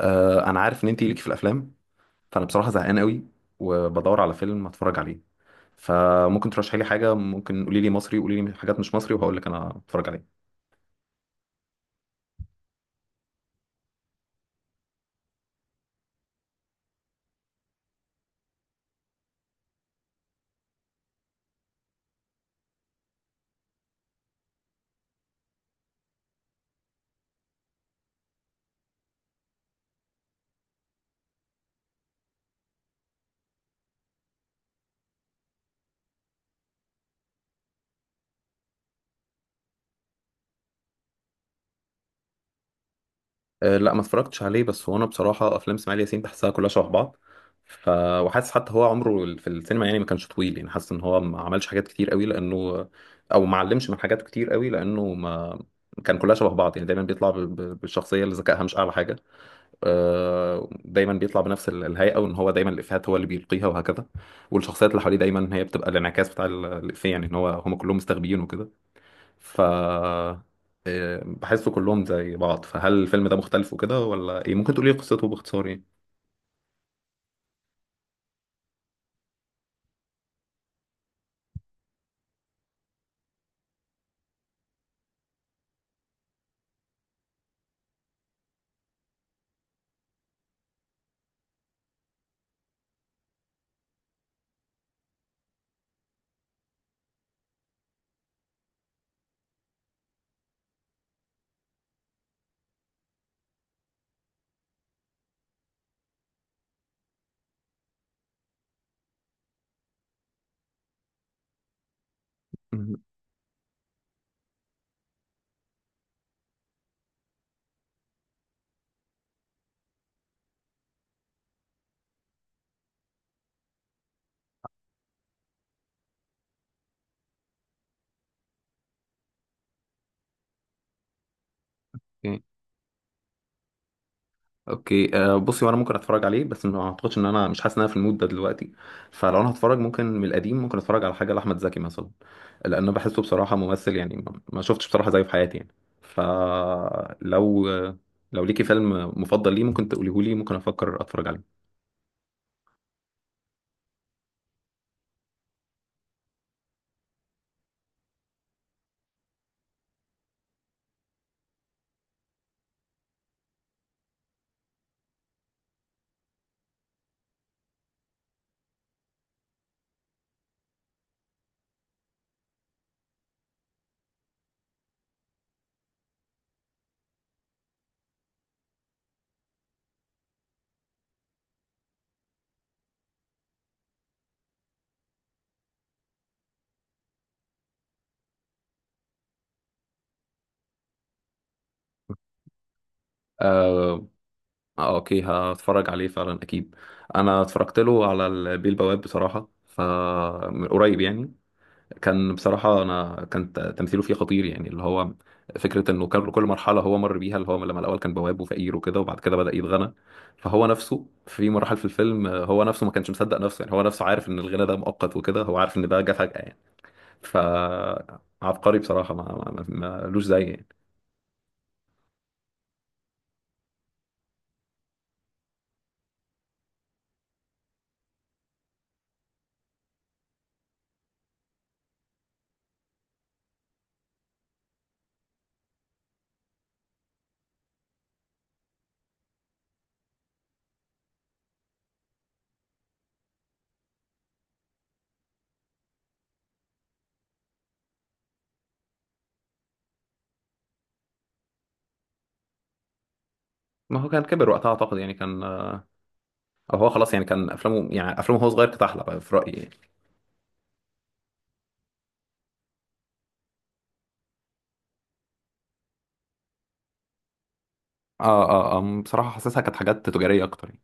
آه، انا عارف ان انت ليكي في الافلام. فانا بصراحه زهقان قوي وبدور على فيلم اتفرج عليه، فممكن ترشحي لي حاجه، ممكن قولي لي مصري قولي لي حاجات مش مصري وهقول لك انا اتفرج عليه. أه لا، ما اتفرجتش عليه، بس هو انا بصراحه افلام اسماعيل ياسين بحسها كلها شبه بعض. ف وحاسس حتى هو عمره في السينما يعني ما كانش طويل، يعني حاسس ان هو ما عملش حاجات كتير قوي لانه او ما علمش من حاجات كتير قوي لانه ما كان كلها شبه بعض. يعني دايما بيطلع بالشخصيه اللي ذكائها مش اعلى حاجه. آه، دايما بيطلع بنفس الهيئه، وان هو دايما الافيهات هو اللي بيلقيها وهكذا. والشخصيات اللي حواليه دايما هي بتبقى الانعكاس بتاع الافيه، يعني ان هو هم كلهم مستخبيين وكده. ف آه، بحسه كلهم زي بعض. فهل الفيلم ده مختلف وكده ولا ايه؟ ممكن تقولي قصته باختصار يعني. مهم. اوكي آه، بصي وانا ممكن اتفرج عليه، بس ما اعتقدش ان انا، مش حاسس ان انا في المود ده دلوقتي. فلو انا هتفرج ممكن من القديم، ممكن اتفرج على حاجه لاحمد زكي مثلا، لان بحسه بصراحه ممثل يعني ما شفتش بصراحه زيه في حياتي يعني. فلو لو ليكي فيلم مفضل ليه ممكن تقوليه لي، ممكن افكر اتفرج عليه. آه. آه، اوكي هتفرج عليه فعلا اكيد. انا اتفرجت له على البيه البواب بصراحه، من قريب يعني. كان بصراحة أنا كان تمثيله فيه خطير يعني، اللي هو فكرة إنه كان كل مرحلة هو مر بيها، اللي هو لما الأول كان بواب وفقير وكده وبعد كده بدأ يتغنى. فهو نفسه في مراحل في الفيلم، آه، هو نفسه ما كانش مصدق نفسه، يعني هو نفسه عارف إن الغنى ده مؤقت وكده، هو عارف إن ده جه فجأة يعني. فعبقري بصراحة، ملوش زي يعني. ما هو كان كبر وقتها أعتقد، يعني كان آه، أو هو خلاص يعني كان أفلامه، يعني أفلامه هو صغير كانت أحلى بقى في رأيي يعني. آه آه آه، بصراحة حاسسها كانت حاجات تجارية أكتر يعني.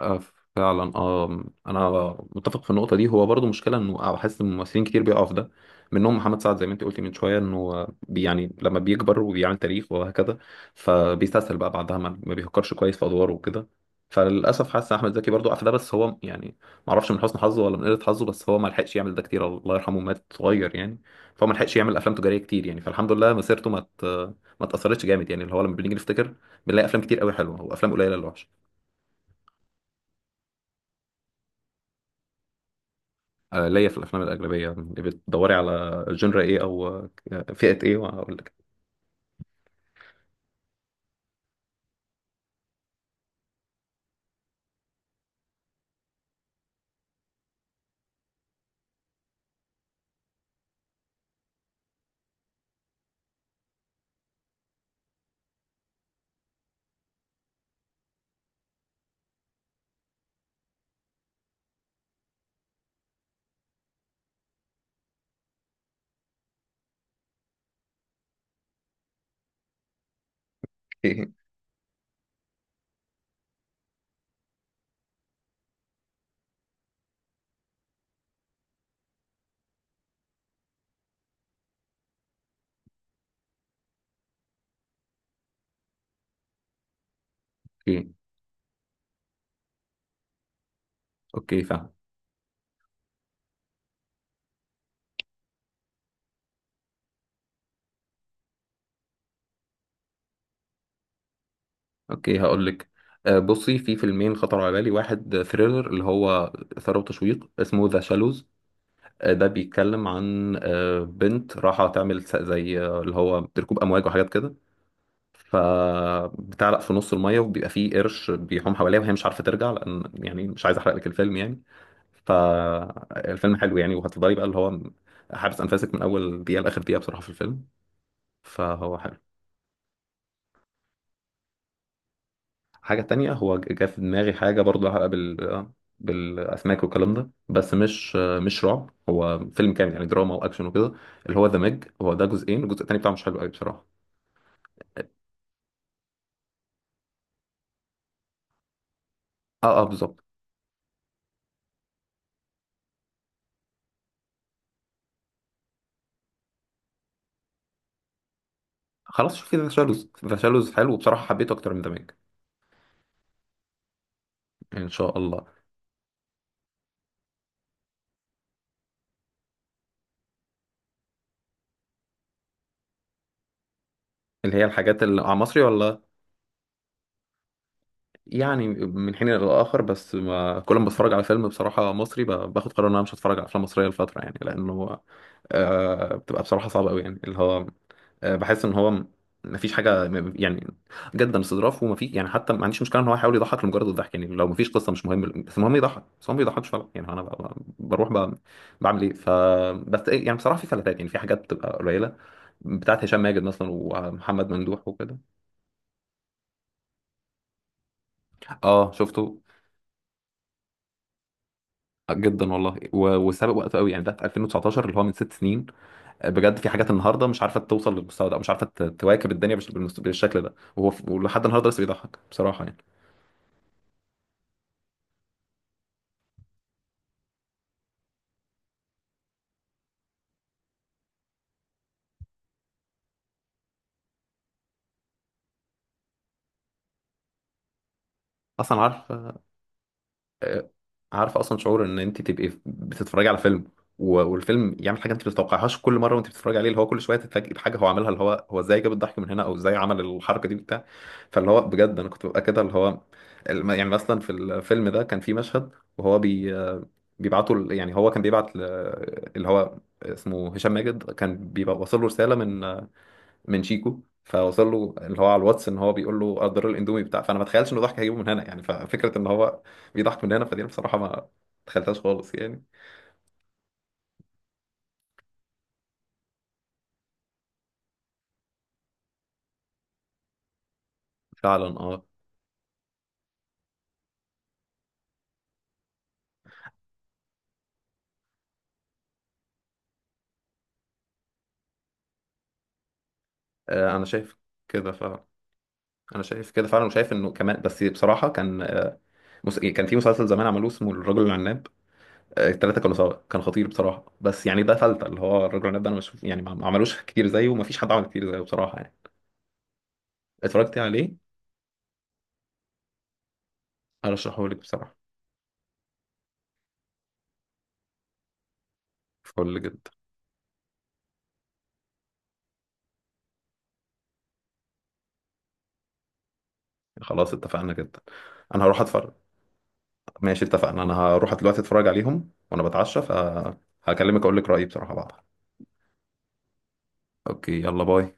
آه، فعلا اه انا متفق في النقطه دي. هو برضو مشكله انه حاسس ان ممثلين كتير بيقعوا في ده، منهم محمد سعد زي ما انت قلتي من شويه، انه يعني لما بيكبر وبيعمل تاريخ وهكذا فبيستسهل بقى بعدها، ما بيفكرش كويس في ادواره وكده. فللاسف حاسس ان احمد زكي برضو قاع في ده، بس هو يعني ما اعرفش من حسن حظه ولا من قله حظه، بس هو ما لحقش يعمل ده كتير، الله يرحمه مات صغير يعني. فهو ما لحقش يعمل افلام تجاريه كتير يعني، فالحمد لله مسيرته ما اتاثرتش جامد، يعني اللي هو لما بنيجي نفتكر بنلاقي افلام كتير قوي حلوه وافلام قليله اللي وحشه. آه، ليا في الافلام الاجنبيه. يعني بتدوري على جنرا ايه او آه، فئه ايه وهقول لك؟ ايه. ايه اوكي فاهم. اوكي هقول لك، آه، بصي في فيلمين خطروا على بالي. واحد ثريلر اللي هو ثروة وتشويق اسمه ذا شالوز. ده بيتكلم عن آه، بنت راحة تعمل زي آه، اللي هو ركوب أمواج وحاجات كده، فبتعلق في نص المية وبيبقى فيه قرش بيحوم حواليها وهي مش عارفة ترجع، لأن يعني مش عايز أحرق لك الفيلم يعني. فالفيلم حلو يعني، وهتفضلي بقى اللي هو حابس أنفاسك من أول دقيقة لآخر دقيقة بصراحة في الفيلم. فهو حلو. حاجة تانية هو جه في دماغي حاجة برضه لها علاقة بالأسماك والكلام ده، بس مش رعب، هو فيلم كامل يعني دراما وأكشن وكده، اللي هو ذا ميج. هو ده جزئين، الجزء التاني بتاعه مش حلو قوي بصراحة. اه اه بالظبط. خلاص شوفي ذا شالوز، ذا شالوز حلو وبصراحة حبيته أكتر من ذا ميج. إن شاء الله. اللي هي الحاجات اللي على مصري ولا؟ يعني من حين لآخر، بس ما كل ما بتفرج على فيلم بصراحة مصري باخد قرار ان انا مش هتفرج على افلام مصرية لفترة، يعني لانه آه بتبقى بصراحة صعبة قوي، يعني اللي هو آه بحس ان هو ما فيش حاجة يعني جدا استظراف. وما في يعني حتى ما عنديش مشكلة ان هو يحاول يضحك لمجرد الضحك، يعني لو ما فيش قصة مش مهم بس المهم يضحك، بس هو ما بيضحكش فعلا، يعني انا بروح بعمل ايه بس إيه، يعني بصراحة في فلاتات، يعني في حاجات بتبقى قليلة بتاعت هشام ماجد مثلا ومحمد ممدوح وكده. اه شفته. جدا والله، وسابق وقته قوي يعني، ده في 2019 اللي هو من 6 سنين. آه، بجد في حاجات النهارده مش عارفه توصل للمستوى ده، او مش عارفه تواكب الدنيا بالشكل ده، وهو ولحد النهارده لسه بيضحك بصراحه يعني. اصلا عارف آه، عارفه اصلا شعور ان انت تبقي بتتفرجي على فيلم والفيلم يعمل حاجه انت ما تتوقعهاش كل مره وانت بتتفرجي عليه، اللي هو كل شويه تتفاجئي بحاجه هو عاملها، اللي هو هو ازاي جاب الضحك من هنا او ازاي عمل الحركه دي بتاع. فاللي هو بجد انا كنت ببقى كده، اللي هو يعني مثلا في الفيلم ده كان في مشهد، وهو بيبعتوا يعني هو كان بيبعت اللي هو اسمه هشام ماجد، كان بيبقى واصل له رساله من شيكو، فوصل له اللي هو على الواتس ان هو بيقول له قدر الاندومي بتاع، فانا ما اتخيلش انه ضحك هيجيبه من هنا يعني. ففكره ان هو بيضحك من هنا، فدي بصراحه ما تخيلتهاش خالص يعني. فعلا اه. آه، انا شايف كده فعلا. انا شايف كده فعلا، وشايف انه كمان بس بصراحه كان آه، كان في مسلسل زمان عملوه اسمه الرجل العناب. آه، التلاته كانوا سوا كان خطير بصراحه، بس يعني ده فلتة اللي هو الرجل العناب ده، انا مش يعني ما عملوش كتير زيه، وما فيش حد عمل كتير زيه بصراحه يعني. اتفرجت عليه. هرشحه لك بصراحه فل جدا. خلاص اتفقنا جدا. انا هروح اتفرج. ماشي اتفقنا، انا هروح دلوقتي اتفرج عليهم وانا بتعشى، فهكلمك اقول لك رأيي بصراحة بعدها. اوكي يلا باي.